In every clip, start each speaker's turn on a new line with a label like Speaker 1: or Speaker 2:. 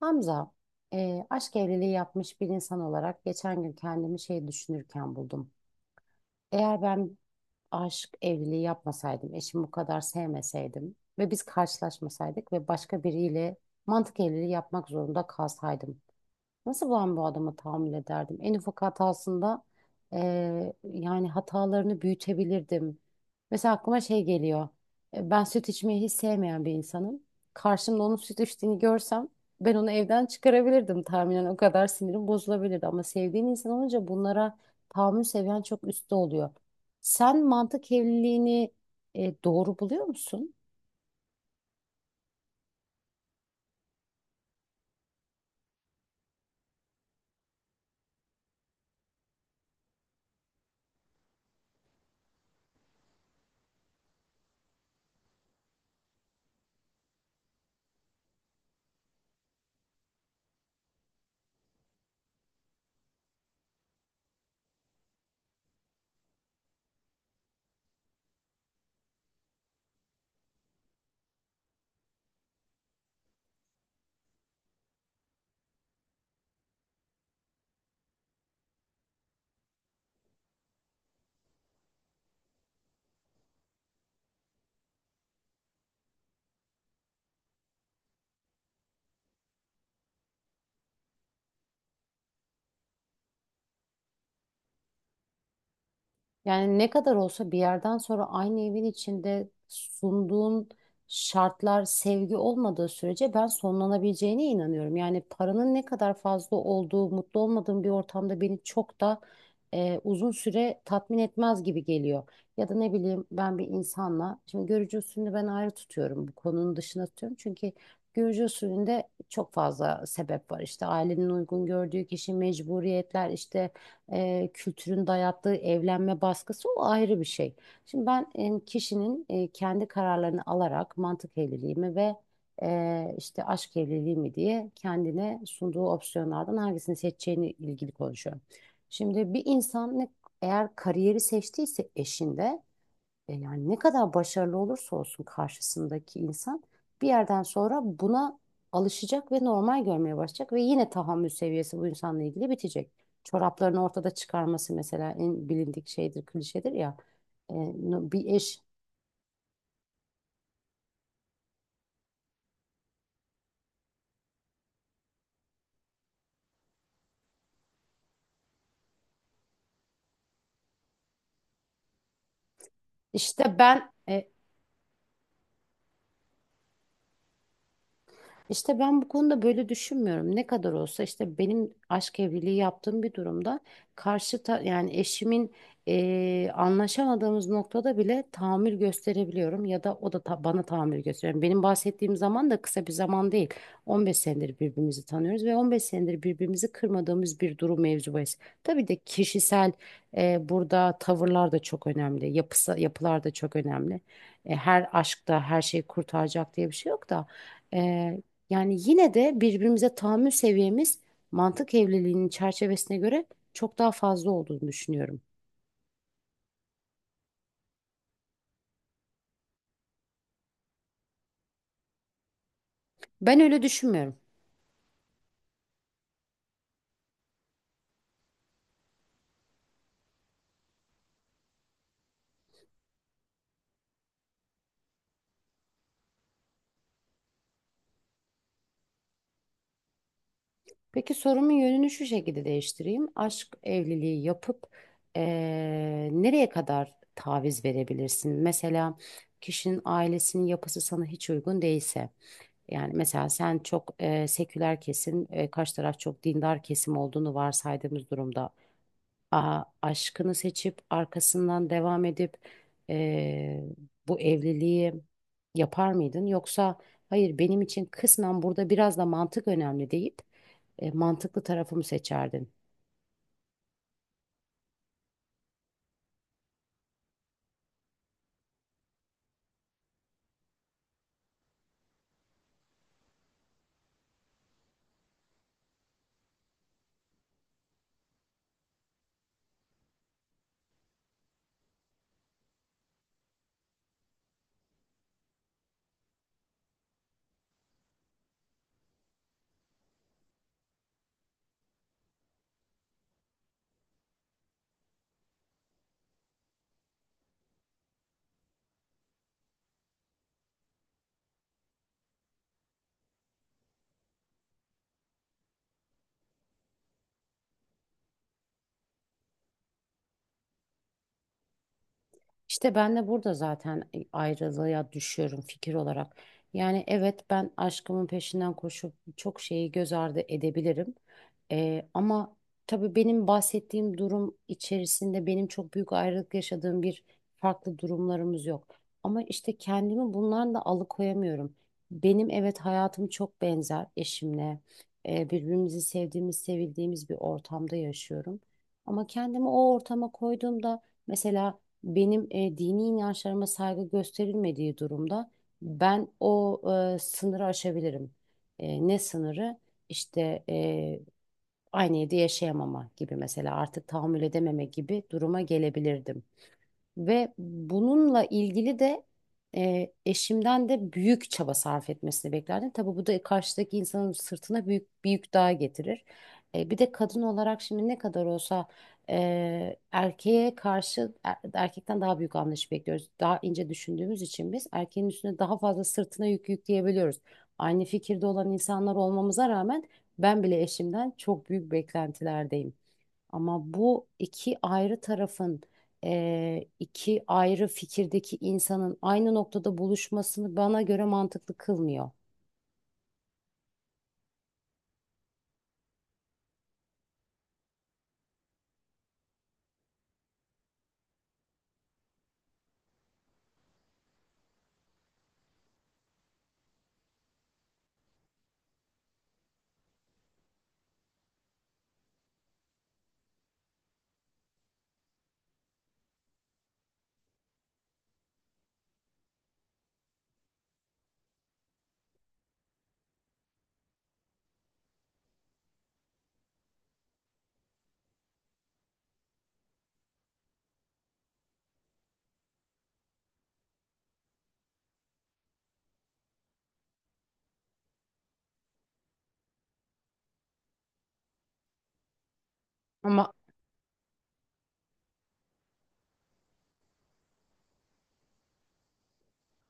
Speaker 1: Hamza, aşk evliliği yapmış bir insan olarak geçen gün kendimi şey düşünürken buldum. Eğer ben aşk evliliği yapmasaydım, eşimi bu kadar sevmeseydim ve biz karşılaşmasaydık ve başka biriyle mantık evliliği yapmak zorunda kalsaydım. Nasıl ben bu adama tahammül ederdim? En ufak hatasında yani hatalarını büyütebilirdim. Mesela aklıma şey geliyor. Ben süt içmeyi hiç sevmeyen bir insanım. Karşımda onun süt içtiğini görsem ben onu evden çıkarabilirdim tahminen. O kadar sinirim bozulabilirdi. Ama sevdiğin insan olunca bunlara tahammül seviyen çok üstte oluyor. Sen mantık evliliğini doğru buluyor musun? Yani ne kadar olsa bir yerden sonra aynı evin içinde sunduğun şartlar sevgi olmadığı sürece ben sonlanabileceğine inanıyorum. Yani paranın ne kadar fazla olduğu, mutlu olmadığım bir ortamda beni çok da uzun süre tatmin etmez gibi geliyor. Ya da ne bileyim ben bir insanla, şimdi görücü usulünü ben ayrı tutuyorum, bu konunun dışına tutuyorum. Çünkü görücü usulünde çok fazla sebep var. İşte ailenin uygun gördüğü kişi, mecburiyetler, işte kültürün dayattığı evlenme baskısı o ayrı bir şey. Şimdi ben kişinin kendi kararlarını alarak mantık evliliği mi ve işte aşk evliliği mi diye kendine sunduğu opsiyonlardan hangisini seçeceğini ilgili konuşuyorum. Şimdi bir insan ne, eğer kariyeri seçtiyse eşinde yani ne kadar başarılı olursa olsun karşısındaki insan bir yerden sonra buna alışacak ve normal görmeye başlayacak ve yine tahammül seviyesi bu insanla ilgili bitecek. Çoraplarını ortada çıkarması mesela en bilindik şeydir, klişedir ya. Bir eş işte ben İşte ben bu konuda böyle düşünmüyorum. Ne kadar olsa işte benim aşk evliliği yaptığım bir durumda yani eşimin anlaşamadığımız noktada bile tahammül gösterebiliyorum ya da o da bana tahammül gösteriyor. Yani benim bahsettiğim zaman da kısa bir zaman değil. 15 senedir birbirimizi tanıyoruz ve 15 senedir birbirimizi kırmadığımız bir durum mevzu bahis. Tabii de kişisel burada tavırlar da çok önemli. Yapılar da çok önemli. Her aşkta her şeyi kurtaracak diye bir şey yok da. Yani yine de birbirimize tahammül seviyemiz mantık evliliğinin çerçevesine göre çok daha fazla olduğunu düşünüyorum. Ben öyle düşünmüyorum. Peki sorumun yönünü şu şekilde değiştireyim. Aşk evliliği yapıp nereye kadar taviz verebilirsin? Mesela kişinin ailesinin yapısı sana hiç uygun değilse. Yani mesela sen çok seküler kesim, karşı taraf çok dindar kesim olduğunu varsaydığımız durumda aşkını seçip arkasından devam edip eee, bu evliliği yapar mıydın? Yoksa hayır benim için kısmen burada biraz da mantık önemli deyip mantıklı tarafımı seçerdin. İşte ben de burada zaten ayrılığa düşüyorum fikir olarak. Yani evet ben aşkımın peşinden koşup çok şeyi göz ardı edebilirim. Ama tabii benim bahsettiğim durum içerisinde benim çok büyük ayrılık yaşadığım bir farklı durumlarımız yok. Ama işte kendimi bundan da alıkoyamıyorum. Benim evet hayatım çok benzer eşimle. Birbirimizi sevdiğimiz, sevildiğimiz bir ortamda yaşıyorum. Ama kendimi o ortama koyduğumda mesela benim dini inançlarıma saygı gösterilmediği durumda ben o sınırı aşabilirim. Ne sınırı? İşte aynı evde yaşayamama gibi mesela artık tahammül edememe gibi duruma gelebilirdim. Ve bununla ilgili de eşimden de büyük çaba sarf etmesini beklerdim. Tabii bu da karşıdaki insanın sırtına büyük bir yük daha getirir. Bir de kadın olarak şimdi ne kadar olsa erkeğe karşı erkekten daha büyük anlayış bekliyoruz. Daha ince düşündüğümüz için biz erkeğin üstüne daha fazla sırtına yük yükleyebiliyoruz. Aynı fikirde olan insanlar olmamıza rağmen ben bile eşimden çok büyük beklentilerdeyim. Ama bu iki ayrı tarafın iki ayrı fikirdeki insanın aynı noktada buluşmasını bana göre mantıklı kılmıyor. Ama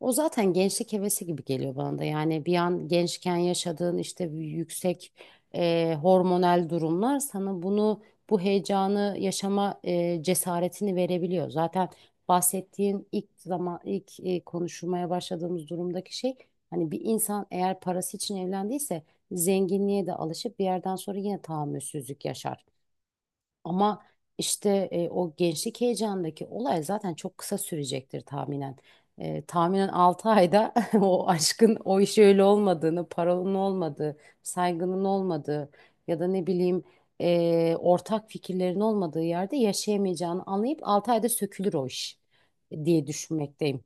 Speaker 1: O zaten gençlik hevesi gibi geliyor bana da. Yani bir an gençken yaşadığın işte bir yüksek hormonal durumlar sana bunu bu heyecanı yaşama cesaretini verebiliyor. Zaten bahsettiğin ilk zaman ilk konuşmaya başladığımız durumdaki şey hani bir insan eğer parası için evlendiyse zenginliğe de alışıp bir yerden sonra yine tahammülsüzlük yaşar. Ama işte o gençlik heyecanındaki olay zaten çok kısa sürecektir tahminen. Tahminen 6 ayda o aşkın o iş öyle olmadığını, parolun olmadığı, saygının olmadığı ya da ne bileyim ortak fikirlerin olmadığı yerde yaşayamayacağını anlayıp 6 ayda sökülür o iş diye düşünmekteyim.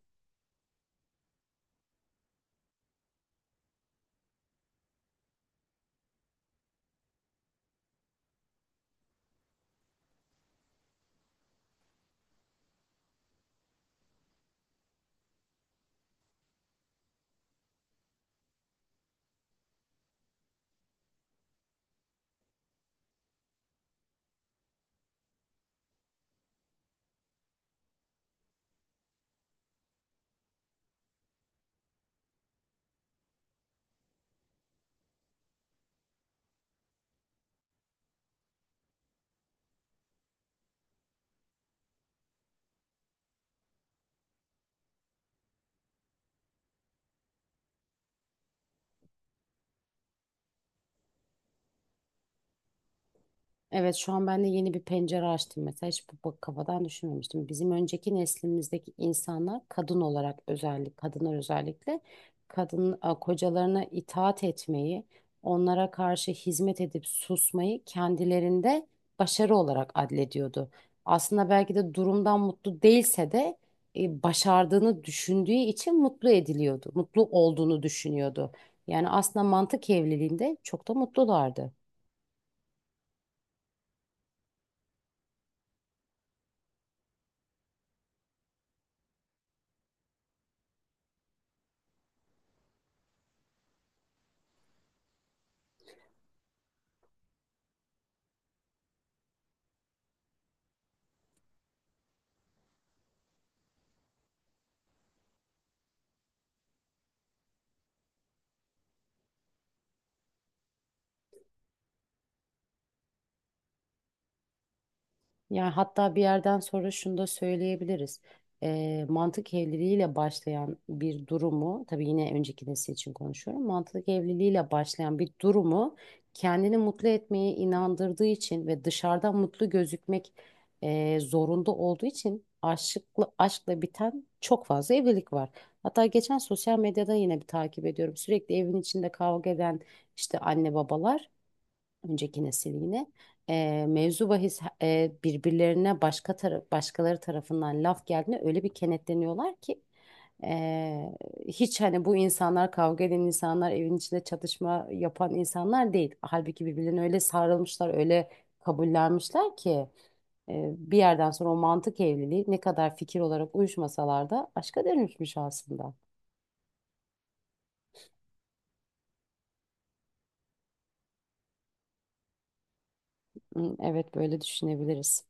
Speaker 1: Evet şu an ben de yeni bir pencere açtım mesela hiç bu kafadan düşünmemiştim. Bizim önceki neslimizdeki insanlar kadın olarak özellikle kadınlar özellikle kadın kocalarına itaat etmeyi, onlara karşı hizmet edip susmayı kendilerinde başarı olarak adlediyordu. Aslında belki de durumdan mutlu değilse de başardığını düşündüğü için mutlu ediliyordu. Mutlu olduğunu düşünüyordu. Yani aslında mantık evliliğinde çok da mutlulardı. Yani hatta bir yerden sonra şunu da söyleyebiliriz. Mantık evliliğiyle başlayan bir durumu, tabii yine önceki nesil için konuşuyorum. Mantık evliliğiyle başlayan bir durumu kendini mutlu etmeye inandırdığı için ve dışarıdan mutlu gözükmek zorunda olduğu için aşıkla, aşkla biten çok fazla evlilik var. Hatta geçen sosyal medyada yine bir takip ediyorum. Sürekli evin içinde kavga eden işte anne babalar önceki nesil yine mevzu bahis birbirlerine başkaları tarafından laf geldiğinde öyle bir kenetleniyorlar ki e, hiç hani bu insanlar kavga eden insanlar evin içinde çatışma yapan insanlar değil. Halbuki birbirlerine öyle sarılmışlar öyle kabullenmişler ki bir yerden sonra o mantık evliliği ne kadar fikir olarak uyuşmasalar da aşka dönüşmüş aslında. Hı, evet böyle düşünebiliriz.